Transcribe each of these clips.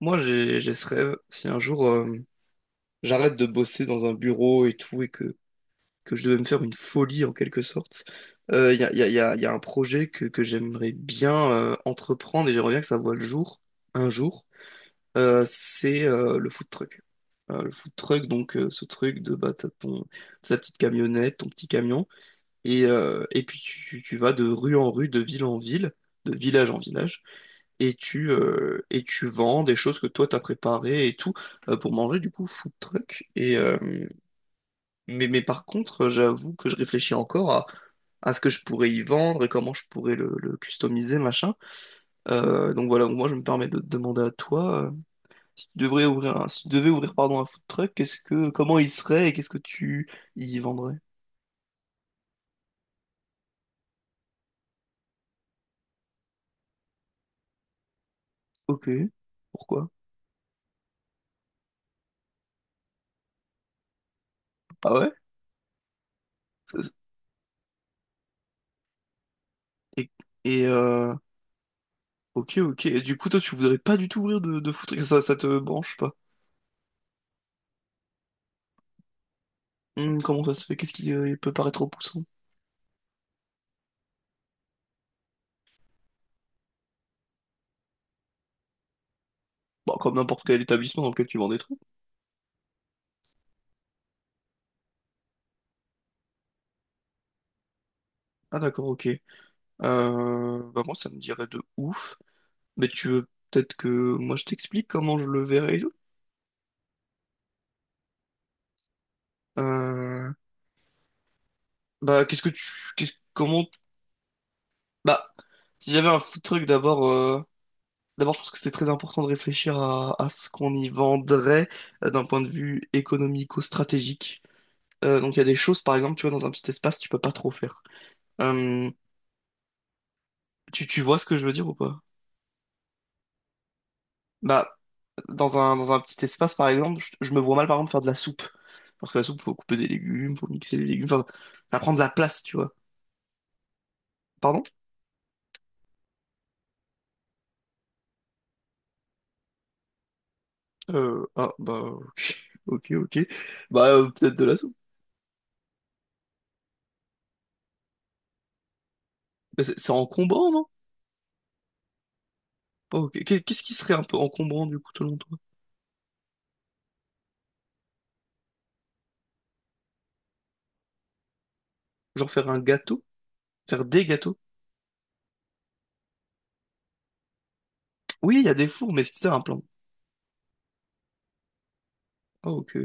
Moi, j'ai ce rêve. Si un jour, j'arrête de bosser dans un bureau et tout, et que je devais me faire une folie en quelque sorte, il y a, y a- y a- y a un projet que j'aimerais bien entreprendre et j'aimerais bien que ça voie le jour, un jour. C'est Le food truck. Le food truck, ce truc de bah, t'as ton, ta petite camionnette, ton petit camion, et puis tu vas de rue en rue, de ville en ville, de village en village et et tu vends des choses que toi t'as préparées et tout pour manger du coup food truck. Mais par contre, j'avoue que je réfléchis encore à ce que je pourrais y vendre et comment je pourrais le customiser, machin. Donc voilà, moi je me permets de te demander à toi, si tu devrais si tu devais ouvrir pardon, un food truck, comment il serait et qu'est-ce que tu y vendrais? Ok, pourquoi? Ah ouais? Ça- ça- Et, et, euh, ok, ok. Et du coup, toi tu voudrais pas du tout ouvrir de food truck, ça te branche pas? Comment ça se fait? Qu'est-ce qui peut paraître repoussant? Bah, comme n'importe quel établissement dans lequel tu vends des trucs. Ah d'accord, ok. Bah moi, ça me dirait de ouf. Mais tu veux peut-être que moi je t'explique comment je le verrais et tout? Euh, bah qu'est-ce que tu... qu'est-ce- Comment... Bah, si j'avais un fou truc d'abord... D'abord, je pense que c'est très important de réfléchir à ce qu'on y vendrait d'un point de vue économico-stratégique. Donc il y a des choses, par exemple, tu vois, dans un petit espace, tu peux pas trop faire. Euh, Tu vois ce que je veux dire ou pas? Bah, dans un petit espace, par exemple, je me vois mal, par exemple, faire de la soupe. Parce que la soupe, faut couper des légumes, faut mixer les légumes, enfin, ça prend de la place, tu vois. Pardon? Bah, ok, ok. Bah, peut-être de la soupe. Mais c'est encombrant, non? Oh, ok. Qu'est- Qu'est-ce qui serait un peu encombrant, du coup, selon toi? Genre faire un gâteau? Faire des gâteaux? Oui, il y a des fours, mais est-ce que c'est un plan? Ah, ok.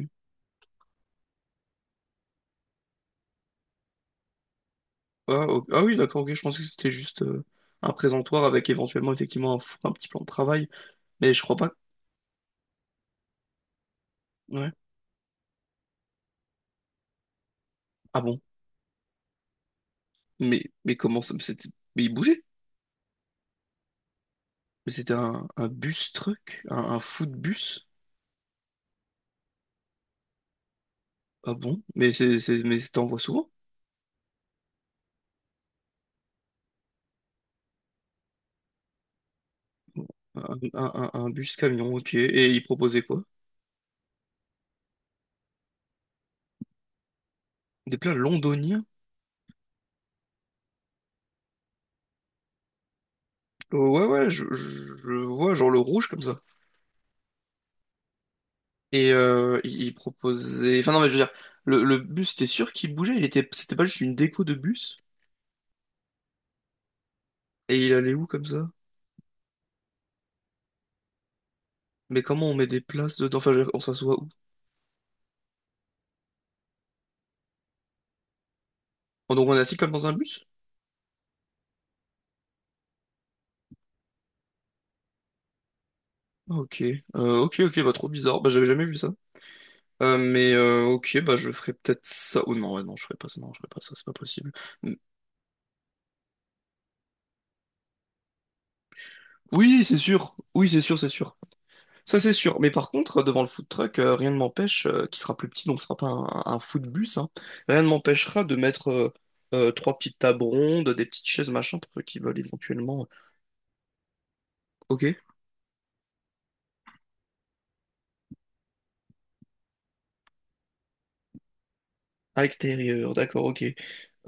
Ah, ok. Ah oui, d'accord, ok. Je pensais que c'était juste un présentoir avec éventuellement, effectivement, un four, un petit plan de travail. Mais je crois pas. Ouais. Ah bon? Mais comment ça? Mais c'était- mais il bougeait. Mais c'était un bus truck, un food bus. Ah bon? Mais mais t'en vois souvent? Un, un bus camion, ok. Et il proposait quoi? Des plats londoniens? Ouais, ouais, je vois, genre le rouge comme ça. Et il proposait. Enfin, non, mais je veux dire, le bus, t'es sûr qu'il bougeait? C'était pas juste une déco de bus? Et il allait où comme ça? Mais comment on met des places dedans? Enfin, je veux dire, on s'assoit où? Oh, donc on est assis comme dans un bus? Ah, ok, ok, ok, bah trop bizarre. Bah j'avais jamais vu ça. Mais ok, bah je ferai peut-être ça. Oh non, ouais, non, je ferai pas ça, non, je ferai pas ça, c'est pas possible. Mm. Oui, c'est sûr, c'est sûr. Ça, c'est sûr. Mais par contre, devant le food truck, rien ne m'empêche, qui sera plus petit, donc ce sera pas un, un food bus, hein, rien ne m'empêchera de mettre trois petites tables rondes, des petites chaises, machin, pour ceux qui veulent éventuellement. Ok. À l'extérieur, d'accord, ok.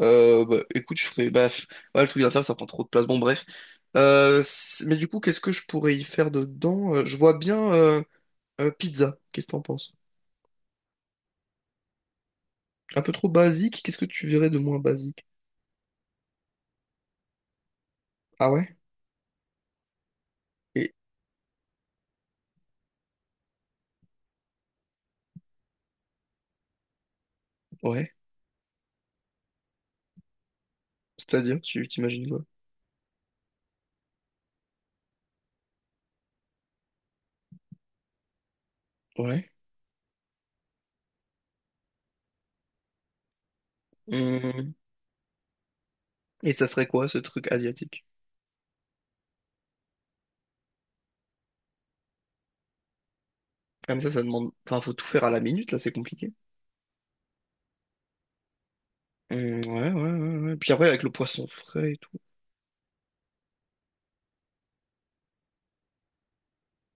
Bah, écoute, je ferai. Bah, pff, ouais, le truc d'intérieur, ça prend trop de place. Bon, bref. Mais du coup, qu'est-ce que je pourrais y faire dedans? Je vois bien. Pizza, qu'est-ce que t'en penses? Un peu trop basique, qu'est-ce que tu verrais de moins basique? Ah ouais? Et ouais, c'est-à-dire, tu t'imagines quoi? Ouais. Hum, et ça serait quoi ce truc asiatique? Ah mais ça demande. Enfin, faut tout faire à la minute, là, c'est compliqué. Hum, ouais, ouais, ouais, ouais. Puis après, avec le poisson frais et tout.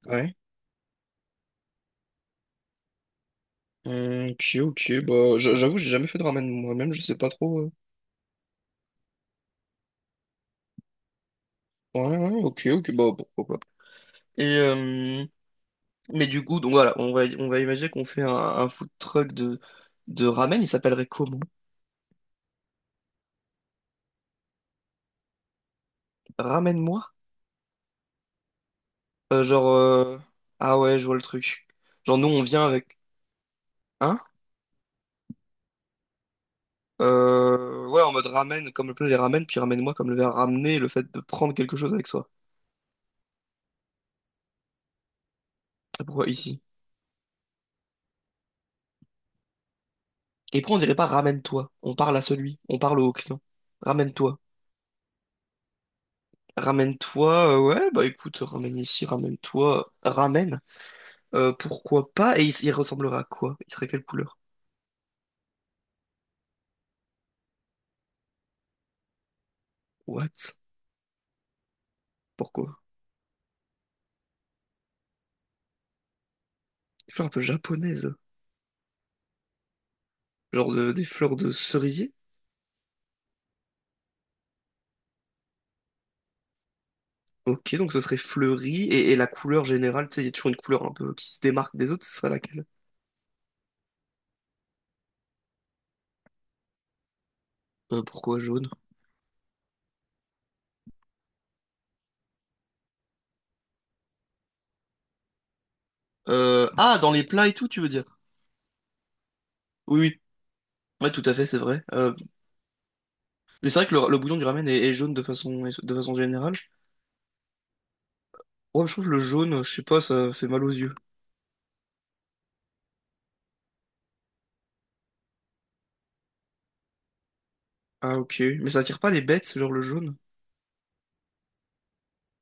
Ouais. Ok, ok, bah j'avoue, j'ai jamais fait de ramen moi-même, je sais pas trop. Ouais, ouais, ok, ok, bah pourquoi pas. Et mais du coup, donc voilà, on va imaginer qu'on fait un food truck de ramen, il s'appellerait comment? Ramène-moi? Euh, genre, euh, ah ouais, je vois le truc. Genre, nous, on vient avec. Hein? Ouais, en mode ramène, comme le plat les ramène, puis ramène-moi, comme le verbe ramener, le fait de prendre quelque chose avec soi. Et pourquoi ici? Et puis, on dirait pas ramène-toi. On parle à celui, on parle au client. Ramène-toi. Ramène-toi, ouais, bah écoute, ramène ici, ramène-toi, ramène. Pourquoi pas? Et il ressemblerait à quoi? Il serait quelle couleur? What? Pourquoi? Une fleur un peu japonaise. Des fleurs de cerisier? Ok, donc ce serait fleuri. Et la couleur générale, tu sais, il y a toujours une couleur un peu qui se démarque des autres, ce serait laquelle? Pourquoi jaune? Dans les plats et tout, tu veux dire? Oui, oui. Ouais, tout à fait, c'est vrai. Mais c'est vrai que le bouillon du ramen est, est jaune de façon générale. Ouais, je trouve que le jaune, je sais pas, ça fait mal aux yeux. Ah, ok. Mais ça attire pas les bêtes, ce genre le jaune?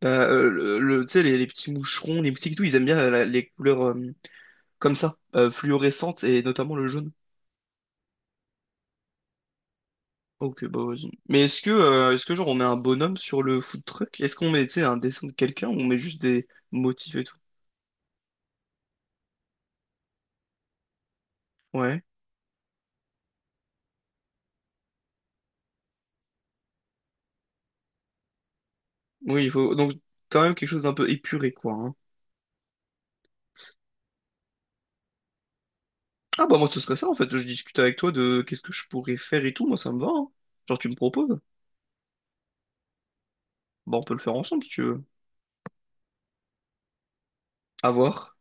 Bah, tu sais, les petits moucherons, les moustiques et tout, ils aiment bien les couleurs comme ça, fluorescentes, et notamment le jaune. Ok, bah vas-y. Mais est-ce que genre on met un bonhomme sur le food truck? Est-ce qu'on met, tu sais, un dessin de quelqu'un ou on met juste des motifs et tout? Ouais. Oui, il faut donc quand même quelque chose d'un peu épuré, quoi. Hein. Ah bah moi ce serait ça en fait. Je discute avec toi de qu'est-ce que je pourrais faire et tout. Moi ça me va. Hein. Genre tu me proposes. Bah on peut le faire ensemble si tu veux. À voir.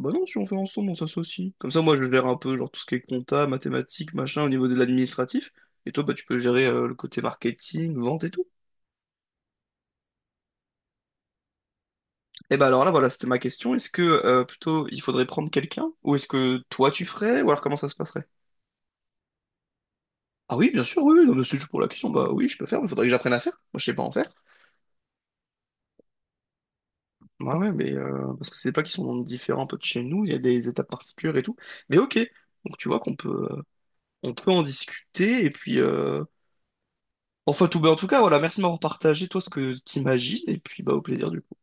Bah non, si on fait ensemble, on s'associe. Comme ça moi je gère un peu genre tout ce qui est compta, mathématiques, machin au niveau de l'administratif. Et toi bah tu peux gérer le côté marketing, vente et tout. Et ben alors là, voilà, c'était ma question. Est-ce que plutôt il faudrait prendre quelqu'un? Ou est-ce que toi tu ferais? Ou alors comment ça se passerait? Ah oui, bien sûr, oui, oui, non, mais c'est juste pour la question. Bah oui, je peux faire, mais faudrait que j'apprenne à faire. Moi, je sais pas en faire. Ouais, ouais, parce que c'est pas qu'ils sont différents un peu de chez nous, il y a des étapes particulières et tout. Mais ok, donc tu vois qu'on peut, on peut en discuter. Et puis, enfin, tout, bah, en tout cas, voilà, merci de m'avoir partagé, toi, ce que t'imagines. Et puis, bah, au plaisir, du coup.